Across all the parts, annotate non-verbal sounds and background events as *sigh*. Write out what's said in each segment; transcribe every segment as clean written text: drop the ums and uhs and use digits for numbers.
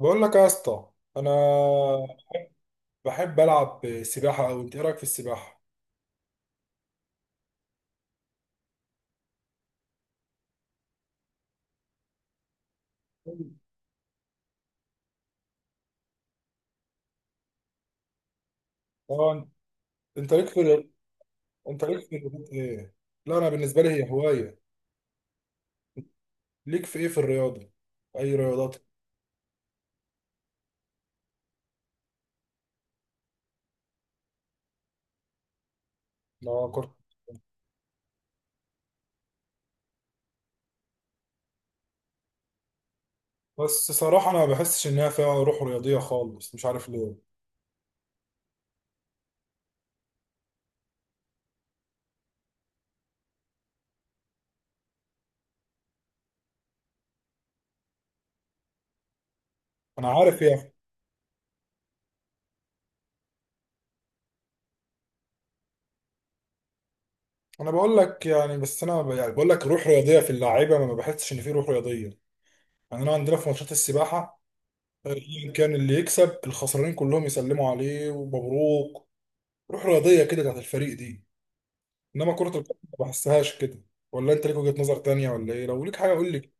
بقول لك يا اسطى، انا بحب العب سباحه قوي. انت ايه رايك في السباحه؟ اه انت ليك في انت ليك في الرياضات ايه؟ لا انا بالنسبه لي هي هوايه. ليك في ايه في الرياضه؟ اي رياضات؟ لا كرة. بس صراحه انا ما بحسش انها فيها روح رياضيه خالص، مش عارف ليه. انا عارف يعني. انا بقول لك يعني، بس انا يعني بقول لك روح رياضيه في اللعيبه ما بحسش ان في روح رياضيه. يعني انا عندنا في ماتشات السباحه ايا كان اللي يكسب الخسرانين كلهم يسلموا عليه ومبروك. روح رياضيه كده بتاعت الفريق دي، انما كره القدم ما بحسهاش كده. ولا انت ليك وجهه نظر تانية ولا ايه؟ لو ليك حاجه قول لي كده.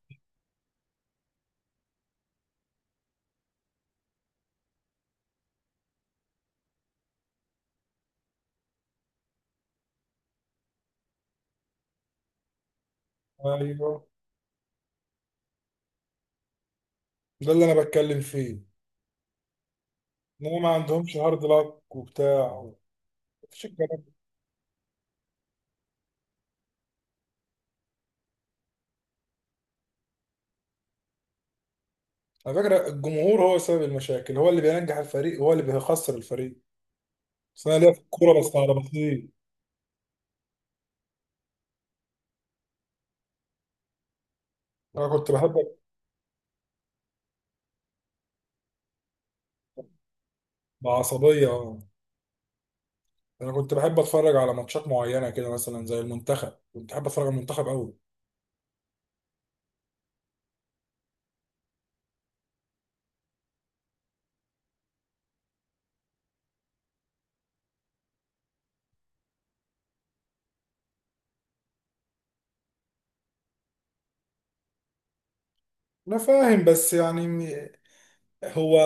ايوه، ده اللي انا بتكلم فيه. انما ما عندهمش هارد لك وبتاع، مفيش الكلام ده. على فكره الجمهور هو سبب المشاكل، هو اللي بينجح الفريق هو اللي بيخسر الفريق. بس انا ليا في الكوره بس على بسيط. انا كنت بحب بعصبيه، اه. انا كنت بحب اتفرج على ماتشات معينه كده، مثلا زي المنتخب كنت بحب اتفرج على المنتخب قوي. انا فاهم، بس يعني هو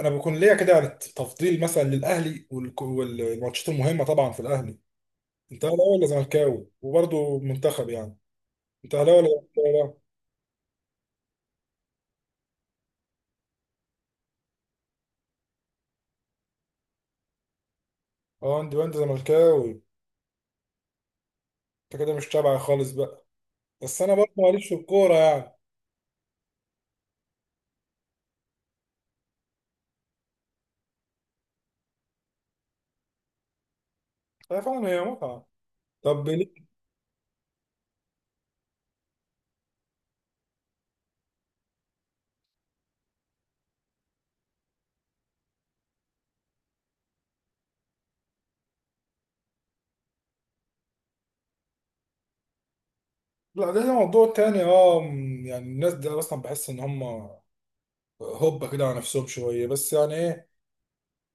انا بكون ليا كده يعني تفضيل مثلا للاهلي والماتشات المهمه طبعا في الاهلي. انت اهلاوي ولا زملكاوي؟ وبرضه منتخب يعني. انت اهلاوي ولا زملكاوي بقى؟ اه، انت زملكاوي. انت كده مش تابع خالص بقى. بس انا برضه ماليش في الكوره يعني. هي فعلا هي متعه. طب لا ده موضوع تاني. اه م، يعني الناس دي اصلا بحس ان هم هوبا كده على نفسهم شويه، بس يعني ايه.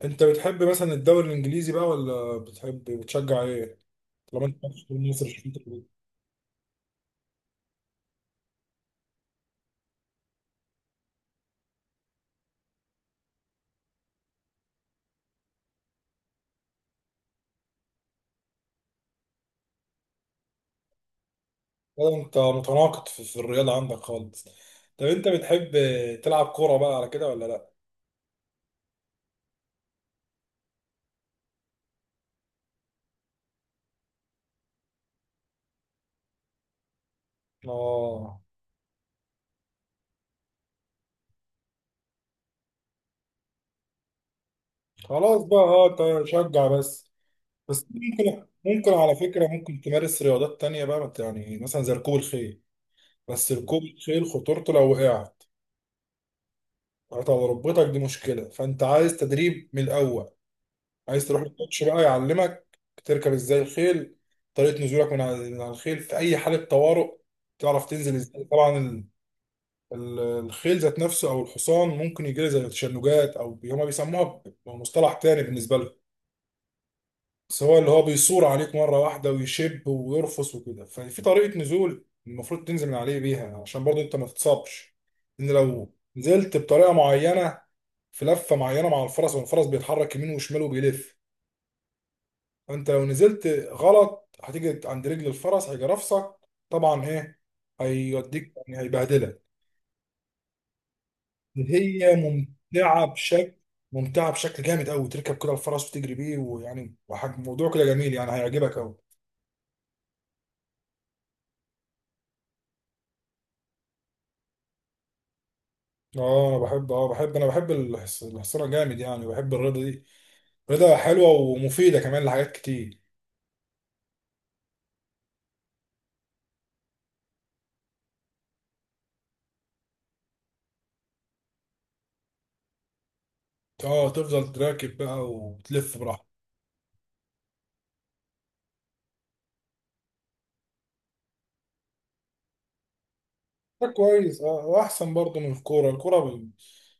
انت بتحب مثلا الدوري الانجليزي بقى، ولا بتحب بتشجع ايه؟ طالما انت مصر. هو انت متناقض في الرياضه عندك خالص. طب انت بتحب تلعب كوره بقى على كده ولا لا؟ اه، خلاص بقى، اه، انت شجع بس. بس ممكن على فكره ممكن تمارس رياضات تانية بقى، يعني مثلا زي ركوب الخيل. بس ركوب الخيل خطورته لو وقعت هتبقى ركبتك دي مشكله، فانت عايز تدريب من الاول. عايز تروح الكوتش بقى يعلمك تركب ازاي الخيل. طريقه نزولك من على الخيل في اي حاله طوارئ، تعرف تنزل ازاي طبعا. الخيل ذات نفسه او الحصان ممكن يجري زي تشنجات، او هما بيسموها بمصطلح تاني بالنسبه لهم. بس هو اللي هو بيصور عليك مره واحده ويشب ويرفس وكده. ففي طريقه نزول المفروض تنزل من عليه بيها، عشان برضه انت ما تتصابش، ان لو نزلت بطريقه معينه في لفه معينه مع الفرس، والفرس بيتحرك يمين وشمال وبيلف. فانت لو نزلت غلط هتيجي عند رجل الفرس هيجي رافسك. طبعا ايه، هيوديك يعني هيبهدلك. هي ممتعة بشكل، ممتعة بشكل جامد قوي. تركب كده الفرس وتجري بيه، ويعني وحاجة موضوع كده جميل، يعني هيعجبك قوي. اه، انا بحب، اه بحب، انا بحب الحصانة جامد، يعني بحب الرياضة دي. رياضة حلوة ومفيدة كمان لحاجات كتير. اه، تفضل تراكب بقى وتلف براحتك. ده كويس، اه، واحسن برضه من الكورة. الكورة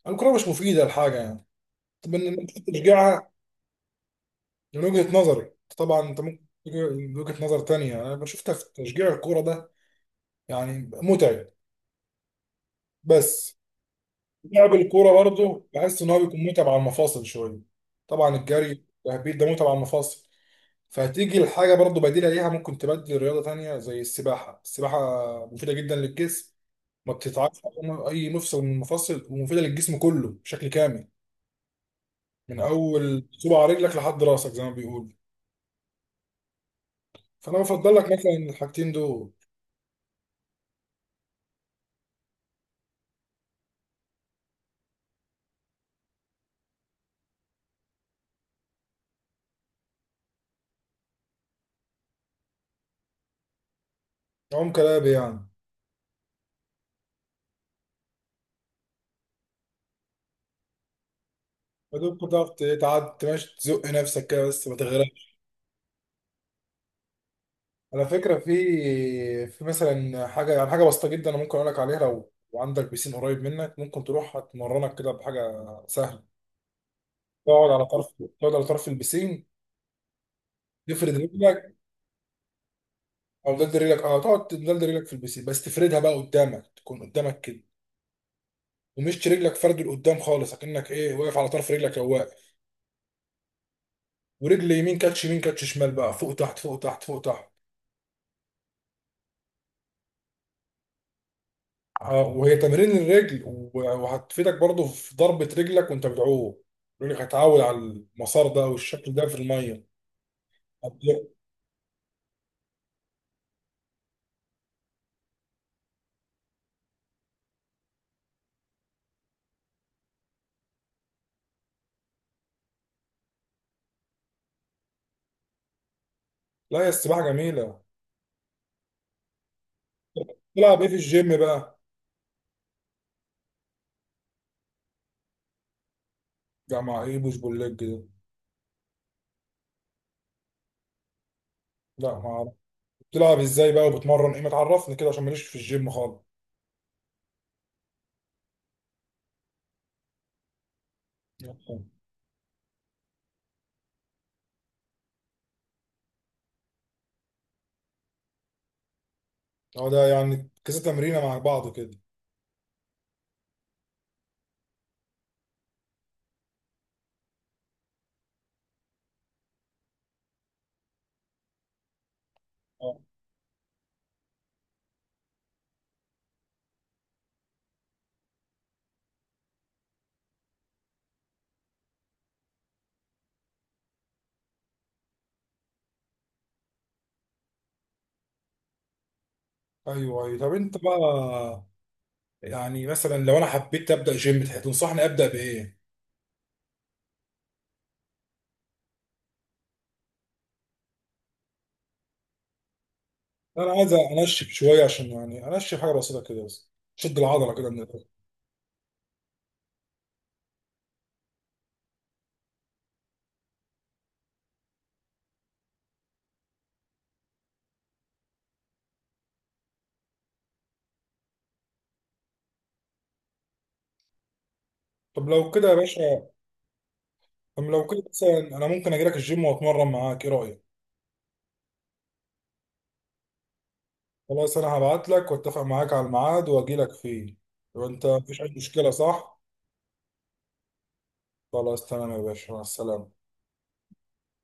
الكورة مش مفيدة لحاجة يعني. طب ان إنك تشجعها، من وجهة نظري. طبعا انت ممكن من وجهة نظر تانية انا شفتها في تشجيع الكورة ده، يعني متعب. بس لعب الكوره برضه بحس ان هو بيكون متعب على المفاصل شويه. طبعا الجري التهبيط ده متعب على المفاصل، فهتيجي الحاجه برضه بديله ليها. ممكن تبدل رياضه تانية زي السباحه. السباحه مفيده جدا للجسم، ما بتتعبش اي مفصل من المفاصل، ومفيده للجسم كله بشكل كامل، من اول صباع رجلك لحد راسك زي ما بيقولوا. فانا بفضل لك مثلا الحاجتين دول. عم كلابي يعني، فدول كنت تعرف تعدي تمشي تزق نفسك كده بس ما تغرقش. على فكرة في، في مثلا حاجة، يعني حاجة بسيطة جدا أنا ممكن أقول لك عليها. لو وعندك بيسين قريب منك ممكن تروح هتمرنك كده بحاجة سهلة. تقعد على طرف، تقعد على طرف البيسين، تفرد رجلك، أو دلد رجلك. أه تقعد تدلد رجلك في البيسين، بس تفردها بقى قدامك، تكون قدامك كده، ومش رجلك فرد لقدام خالص، أكنك إيه واقف على طرف رجلك أو واقف. ورجل يمين كاتش، يمين كاتش شمال بقى، فوق تحت فوق تحت فوق تحت. اه، وهي تمرين الرجل وهتفيدك برضو في ضربة رجلك وانت بتعوم. رجلك هتعود على المسار ده والشكل ده في المية. هت- لا، يا السباحة جميلة. تلعب ايه في الجيم بقى؟ لا، مع ايه بوش بول ليج ده؟ لا ما اعرف. بتلعب ازاي بقى وبتمرن ايه؟ ما تعرفني كده عشان ماليش في الجيم خالص. *laughs* اه، ده يعني كذا تمرينة مع بعض كده. اه، ايوه ايوه. طب انت بقى، يعني مثلا لو انا حبيت ابدا جيم تنصحني ابدا بايه؟ انا عايز انشف شويه، عشان يعني انشف حاجه بسيطه كده بس، شد العضله كده من الآخر. طب لو كده يا باشا، طب لو كده مثلا انا ممكن اجي لك الجيم واتمرن معاك، ايه رايك؟ خلاص، انا هبعت لك واتفق معاك على الميعاد واجي لك فيه، وانت مفيش اي مشكله صح؟ خلاص تمام يا باشا، مع السلامه.